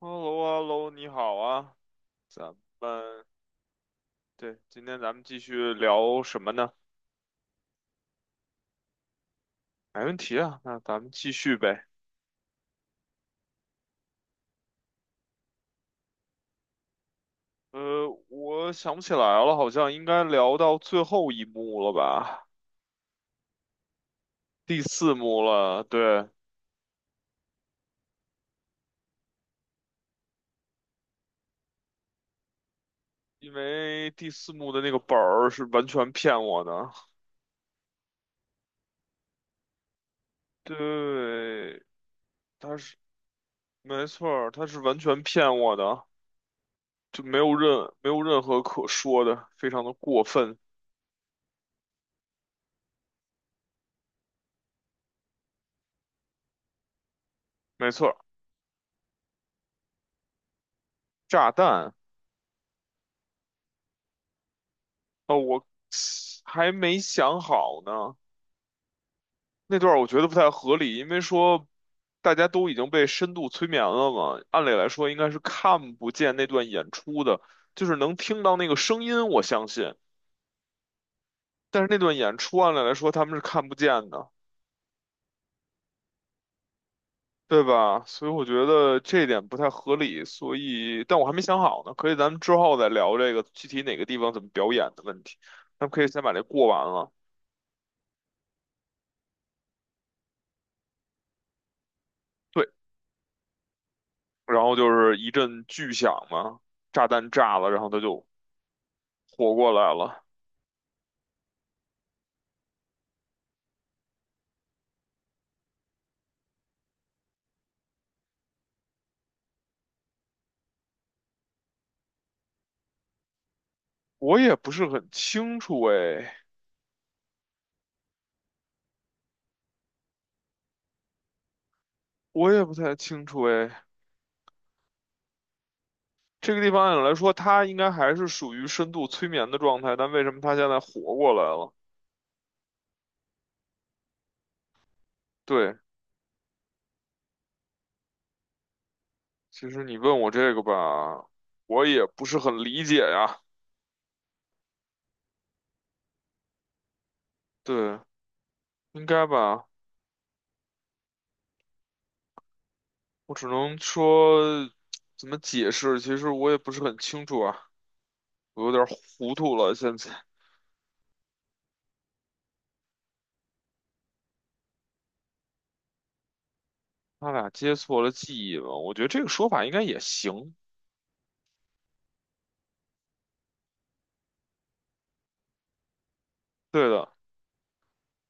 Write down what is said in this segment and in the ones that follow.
H e l l o, h e l l o, 你好啊。咱们对，今天咱们继续聊什么呢？没问题啊，那咱们继续呗。我想不起来了，好像应该聊到最后一幕了吧？第四幕了，对，因为第四幕的那个本儿是完全骗我的。对，他是没错儿，他是完全骗我的，就没有任何可说的，非常的过分，没错儿，炸弹。哦，我还没想好呢。那段儿我觉得不太合理，因为说大家都已经被深度催眠了嘛，按理来说应该是看不见那段演出的，就是能听到那个声音，我相信。但是那段演出按理来说他们是看不见的，对吧？所以我觉得这一点不太合理，所以但我还没想好呢，可以咱们之后再聊这个具体哪个地方怎么表演的问题。咱们可以先把这过完了。对，然后就是一阵巨响嘛，炸弹炸了，然后它就活过来了。我也不是很清楚哎，我也不太清楚哎。这个地方按理来说，它应该还是属于深度催眠的状态，但为什么它现在活过来了？对，其实你问我这个吧，我也不是很理解呀。对，应该吧，我只能说怎么解释，其实我也不是很清楚啊，我有点糊涂了。现在他俩接错了记忆了，我觉得这个说法应该也行。对的。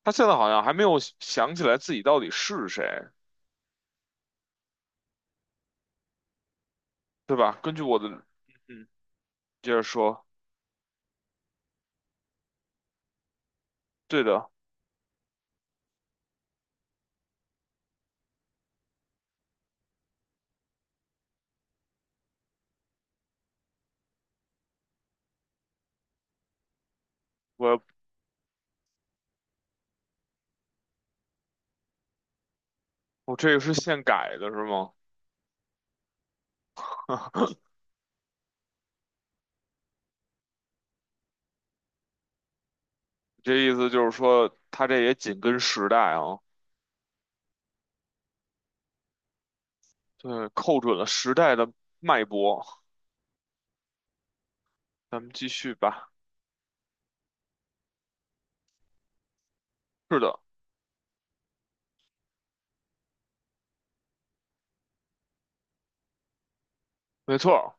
他现在好像还没有想起来自己到底是谁，对吧？根据我的，嗯，接着说，对的。我我这个是现改的，是吗？这意思就是说，他这也紧跟时代啊。对，扣准了时代的脉搏。咱们继续吧。是的，没错儿。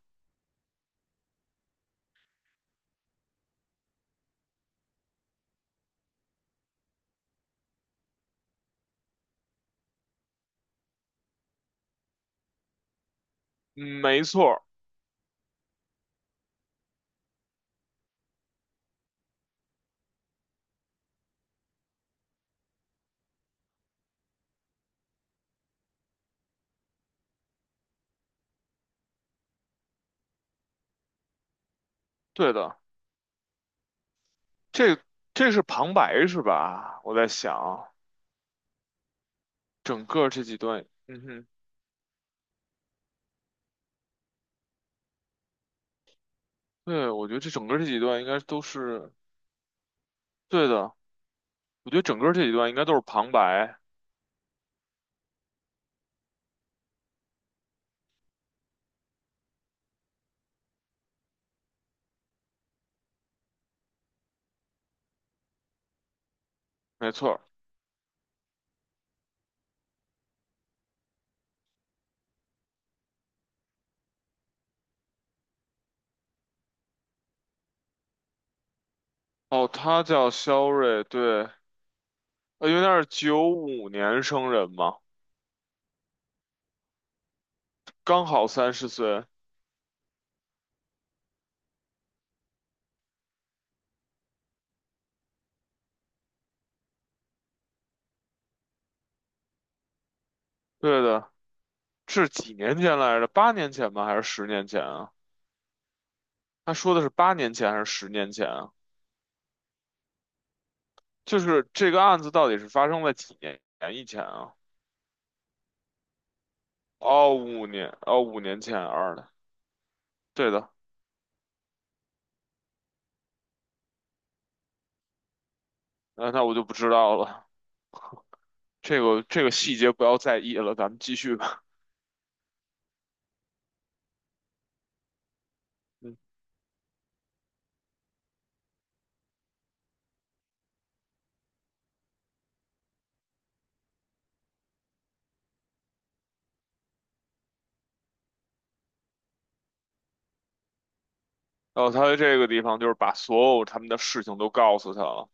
嗯，没错儿。对的。这这是旁白是吧？我在想，整个这几段，嗯哼。对，我觉得这整个这几段应该都是对的。我觉得整个这一段应该都是旁白。没错儿。哦，他叫肖瑞。对，因为他是95年生人嘛，刚好30岁。对的，是几年前来着？八年前吗？还是十年前啊？他说的是八年前还是十年前啊？就是这个案子到底是发生在几年以前啊？哦，五年，哦，五年前二的。对的，那那我就不知道了，这个这个细节不要在意了，咱们继续吧。嗯然后他在这个地方就是把所有他们的事情都告诉他了。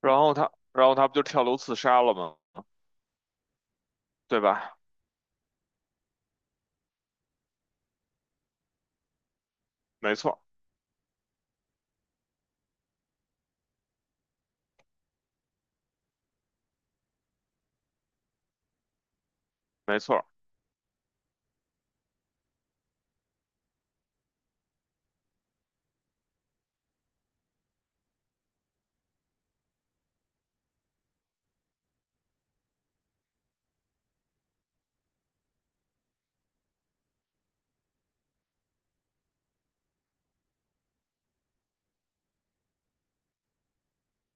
然后他，然后他不就跳楼自杀了吗？对吧？没错。没错。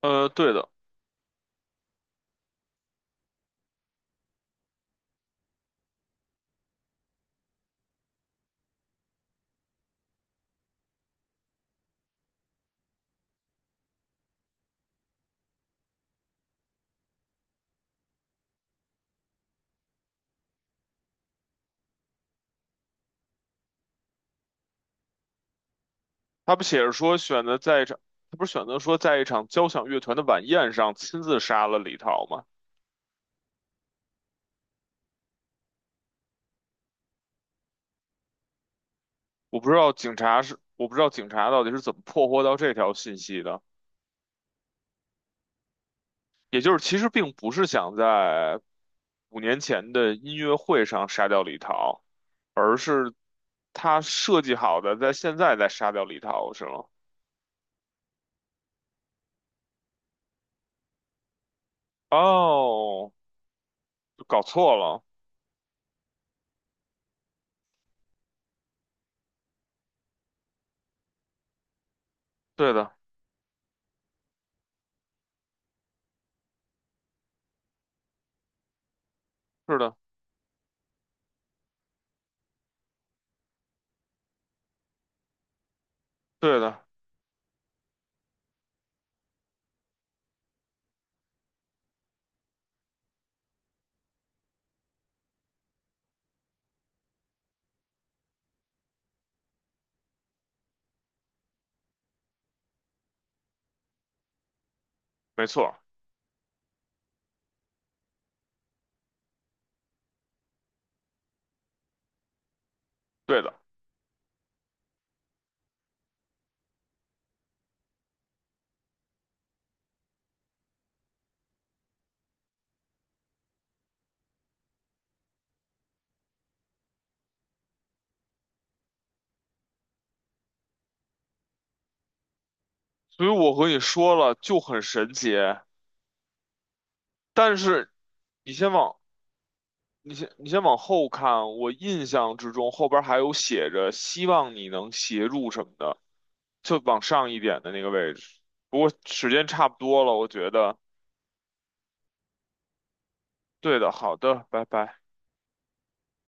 对的，他不写着说选择在一场，他不是选择说在一场交响乐团的晚宴上亲自杀了李桃吗？我不知道警察是，我不知道警察到底是怎么破获到这条信息的。也就是其实并不是想在五年前的音乐会上杀掉李桃，而是。他设计好的，在现在再杀掉李涛是吗？哦，搞错了，对的，是的，对的，没错，对的。所以我和你说了，就很神奇。但是你先往你先往后看，我印象之中后边还有写着希望你能协助什么的，就往上一点的那个位置。不过时间差不多了，我觉得对的，好的，拜拜。